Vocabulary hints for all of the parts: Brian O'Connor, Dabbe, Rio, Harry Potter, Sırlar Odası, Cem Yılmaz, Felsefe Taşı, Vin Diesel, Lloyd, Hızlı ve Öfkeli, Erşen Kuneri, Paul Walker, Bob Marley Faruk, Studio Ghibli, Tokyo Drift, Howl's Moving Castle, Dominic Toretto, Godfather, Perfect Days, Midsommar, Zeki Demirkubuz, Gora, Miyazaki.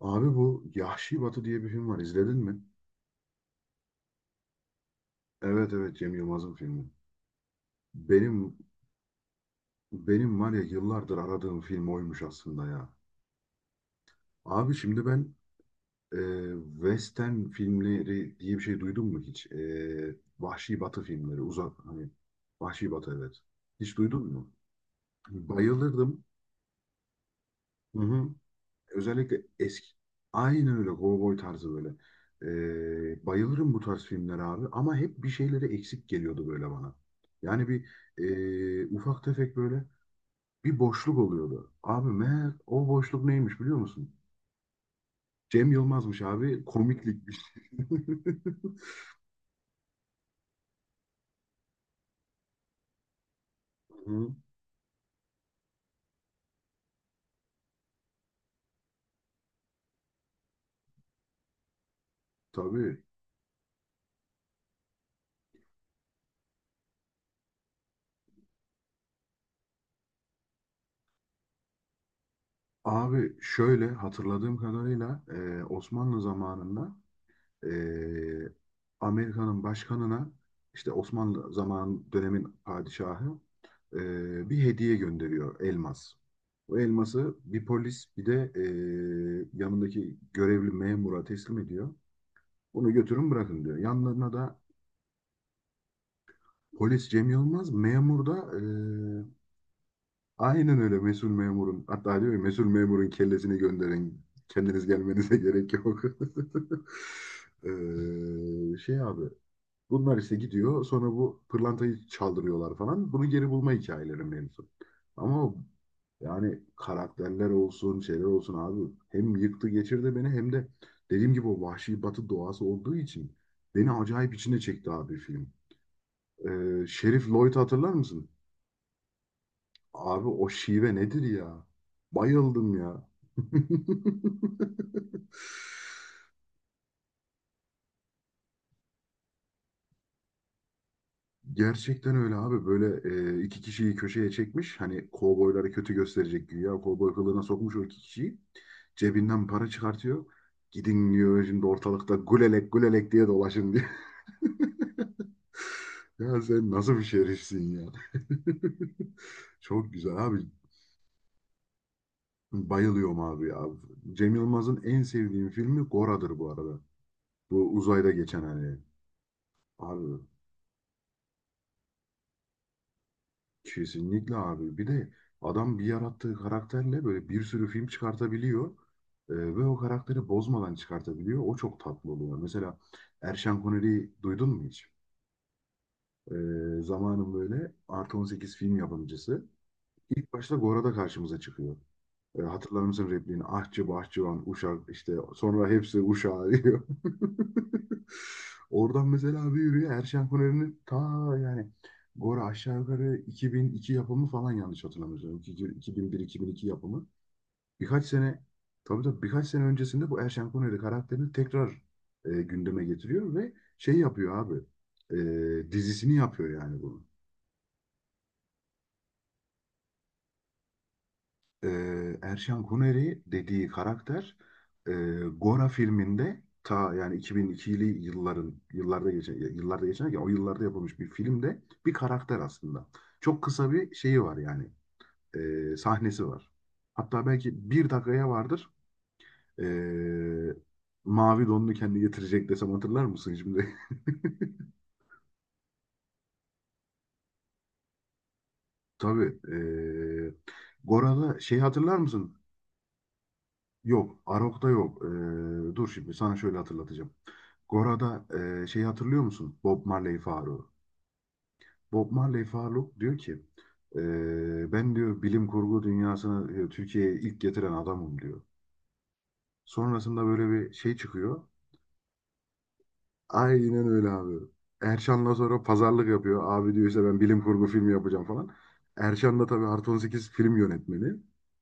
Abi bu Yahşi Batı diye bir film var. İzledin mi? Evet, evet, Cem Yılmaz'ın filmi. Benim benim var ya, yıllardır aradığım film oymuş aslında ya. Abi şimdi ben, e, Western filmleri diye bir şey duydun mu hiç? Vahşi Batı filmleri, uzak hani. Vahşi Batı, evet. Hiç duydun mu? Bayılırdım. Hı hı. Özellikle eski. Aynen öyle, kovboy tarzı böyle. Bayılırım bu tarz filmlere abi, ama hep bir şeyleri eksik geliyordu böyle bana. Yani bir ufak tefek, böyle bir boşluk oluyordu. Abi, meğer o boşluk neymiş biliyor musun? Cem Yılmaz'mış abi, komiklikmiş. Hı, tabii. Abi, şöyle hatırladığım kadarıyla, Osmanlı zamanında, Ee, Amerika'nın başkanına, işte Osmanlı zaman dönemin padişahı bir hediye gönderiyor, elmas. O elması bir polis, bir de yanındaki görevli memura teslim ediyor. Bunu götürün, bırakın diyor. Yanlarına da polis Cem Yılmaz, memur da aynen öyle, mesul memurun, hatta diyor ya, mesul memurun kellesini gönderin. Kendiniz gelmenize gerek yok. Şey abi, bunlar ise gidiyor. Sonra bu pırlantayı çaldırıyorlar falan. Bunu geri bulma hikayeleri mevzu. Ama yani karakterler olsun, şeyler olsun abi. Hem yıktı geçirdi beni, hem de dediğim gibi o Vahşi Batı doğası olduğu için beni acayip içine çekti abi, film. Şerif Lloyd'u hatırlar mısın? Abi, o şive nedir ya? Bayıldım ya. Gerçekten öyle abi, böyle iki kişiyi köşeye çekmiş, hani kovboyları kötü gösterecek güya, kovboy kılığına sokmuş o iki kişiyi, cebinden para çıkartıyor, gidin diyor, şimdi ortalıkta gulelek gulelek diye dolaşın diye. ya, sen nasıl bir şerifsin ya! çok güzel abi, bayılıyorum abi ya. Cem Yılmaz'ın en sevdiğim filmi Gora'dır bu arada, bu uzayda geçen hani abi. Kesinlikle abi. Bir de adam, bir yarattığı karakterle böyle bir sürü film çıkartabiliyor. Ve o karakteri bozmadan çıkartabiliyor. O çok tatlı oluyor. Mesela, Erşen Kuneri'yi duydun mu hiç? Ee, Zamanın böyle artı 18 film yapımcısı. İlk başta Gora'da karşımıza çıkıyor. Hatırlar mısın repliğini? Ahçı, bahçıvan, uşak, işte sonra hepsi uşağı diyor. Oradan mesela abi, yürüyor Erşen Kuneri'nin ta, yani Gora aşağı yukarı 2002 yapımı falan, yanlış hatırlamıyorsam. 2001-2002 yapımı. Birkaç sene Tabii, tabii, birkaç sene öncesinde bu Erşen Kuneri karakterini tekrar gündeme getiriyor ve şey yapıyor abi. Dizisini yapıyor yani bunu. e, Erşan Kuneri dediği karakter, e, Gora filminde ta, yani 2002'li yılların, yıllarda geçen, ya o yıllarda yapılmış bir filmde bir karakter aslında. Çok kısa bir şeyi var yani, sahnesi var. Hatta belki bir dakikaya vardır. E, Mavi donunu kendi getirecek desem, hatırlar mısın şimdi? Tabii. Gora'da şey, hatırlar mısın? Yok. Arok'ta yok. Dur şimdi, sana şöyle hatırlatacağım. Gora'da şeyi hatırlıyor musun? Bob Marley Faruk. Bob Marley Faruk diyor ki, ben diyor, bilim kurgu dünyasını, diyor, Türkiye'ye ilk getiren adamım diyor. Sonrasında böyle bir şey çıkıyor. Aynen öyle abi. Erşan'la sonra pazarlık yapıyor. Abi diyor, işte ben bilim kurgu filmi yapacağım falan. Erşan da tabii artı 18 film yönetmeni.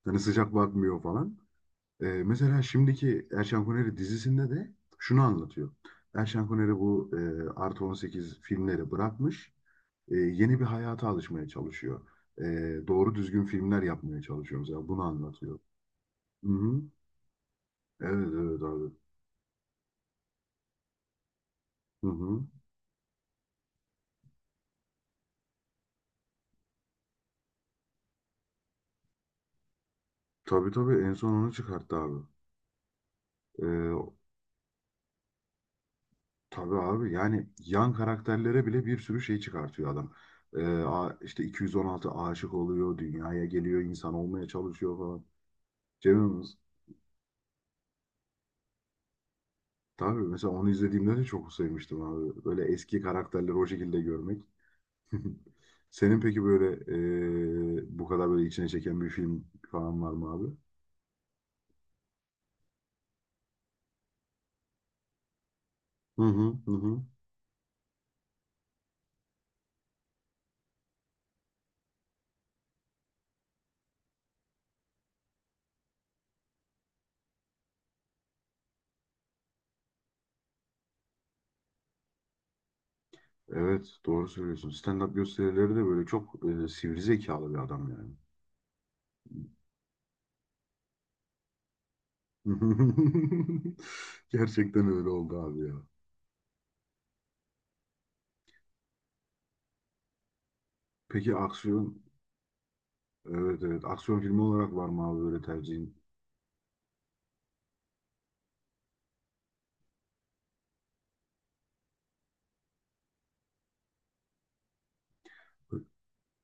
Hani sıcak bakmıyor falan. Mesela şimdiki Erşen Kuneri dizisinde de şunu anlatıyor. Erşen Kuneri bu, artı 18 filmleri bırakmış. Yeni bir hayata alışmaya çalışıyor. E, doğru düzgün filmler yapmaya çalışıyor mesela. Bunu anlatıyor. Hı-hı. Evet, evet abi. Hı-hı. Tabii, tabii, en son onu çıkarttı abi. E, tabii abi, yani yan karakterlere bile bir sürü şey çıkartıyor adam. İşte 216 aşık oluyor, dünyaya geliyor, insan olmaya çalışıyor falan. Cemil Tabii, mesela onu izlediğimde de çok sevmiştim abi. Böyle eski karakterleri o şekilde görmek. Senin peki böyle, bu kadar böyle içine çeken bir film falan var mı abi? Hı hı hı. Hı. Evet, doğru söylüyorsun. Stand-up gösterileri de böyle çok, sivri zekalı bir adam yani. Gerçekten öyle oldu abi ya. Peki aksiyon, evet, evet, aksiyon filmi olarak var mı abi, böyle tercihin?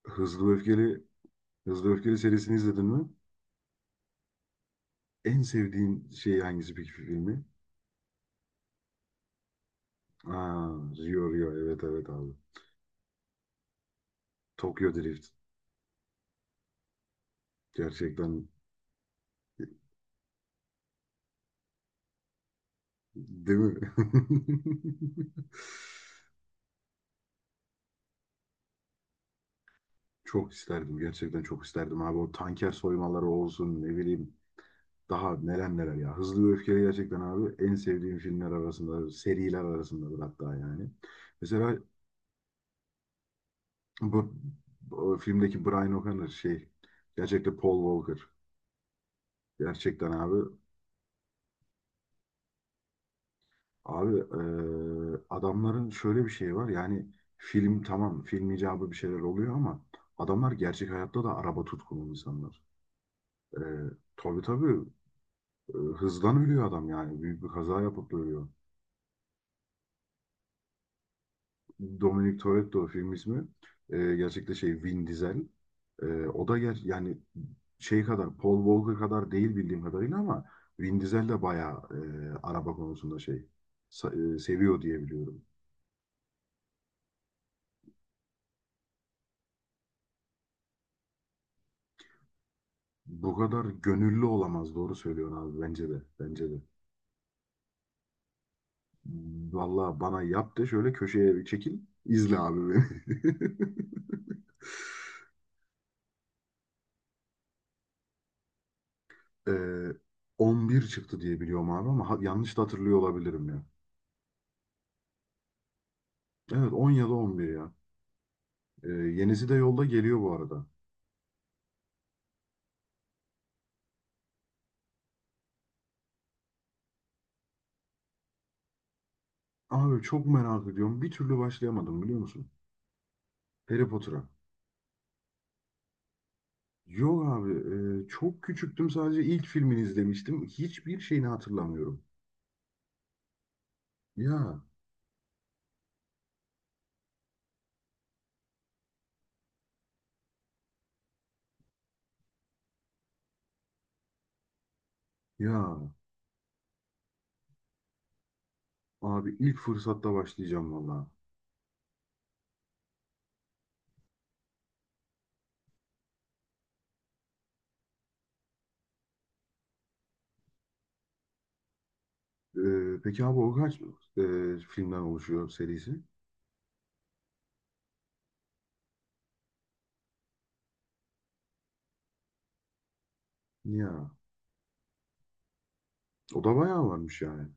Hızlı ve Öfkeli, Hızlı ve Öfkeli serisini izledin mi? En sevdiğin şey hangisi peki, filmi? Aa, Rio, Rio, evet, evet abi. Tokyo Drift, gerçekten değil mi? Çok isterdim, gerçekten çok isterdim abi, o tanker soymaları olsun, ne bileyim, daha neler neler ya. Hızlı ve Öfkeli gerçekten abi, en sevdiğim filmler arasında, seriler arasındadır hatta yani. Mesela bu, bu filmdeki Brian O'Connor şey, gerçekten Paul Walker, gerçekten abi. Abi, adamların şöyle bir şeyi var yani, film tamam, film icabı bir şeyler oluyor, ama adamlar gerçek hayatta da araba tutkunu insanlar. Eee tabii, tabii, hızdan ölüyor adam, yani büyük bir kaza yapıp da ölüyor. Dominic Toretto film ismi. Gerçekte şey, Vin Diesel. O da yani şey kadar, Paul Walker kadar değil bildiğim kadarıyla, ama Vin Diesel de bayağı, araba konusunda şey, seviyor diye biliyorum. Bu kadar gönüllü olamaz. Doğru söylüyorsun abi. Bence de. Bence de. Vallahi bana yap de, şöyle köşeye bir çekil, izle abi beni. Ee, 11 çıktı diye biliyorum abi, ama yanlış da hatırlıyor olabilirim ya. Evet, 10 ya da 11 ya. Yenisi de yolda geliyor bu arada. Abi çok merak ediyorum. Bir türlü başlayamadım biliyor musun? Harry Potter'a. Yok abi, çok küçüktüm, sadece ilk filmini izlemiştim. Hiçbir şeyini hatırlamıyorum. Ya, ya abi, ilk fırsatta başlayacağım vallahi. Peki abi, o kaç filmden oluşuyor serisi? Ya, o da bayağı varmış yani.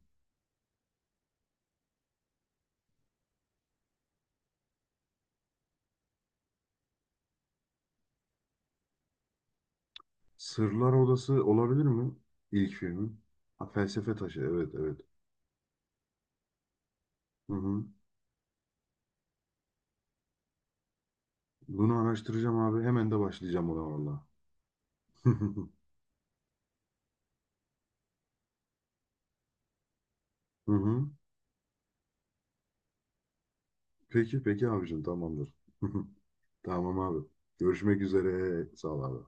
Sırlar Odası olabilir mi? İlk filmi. Ha, Felsefe Taşı, evet, evet. Hı hı. Bunu araştıracağım abi. Hemen de başlayacağım ona valla. Hı hı. Peki, peki abicim, tamamdır. Tamam abi. Görüşmek üzere. Sağ ol abi.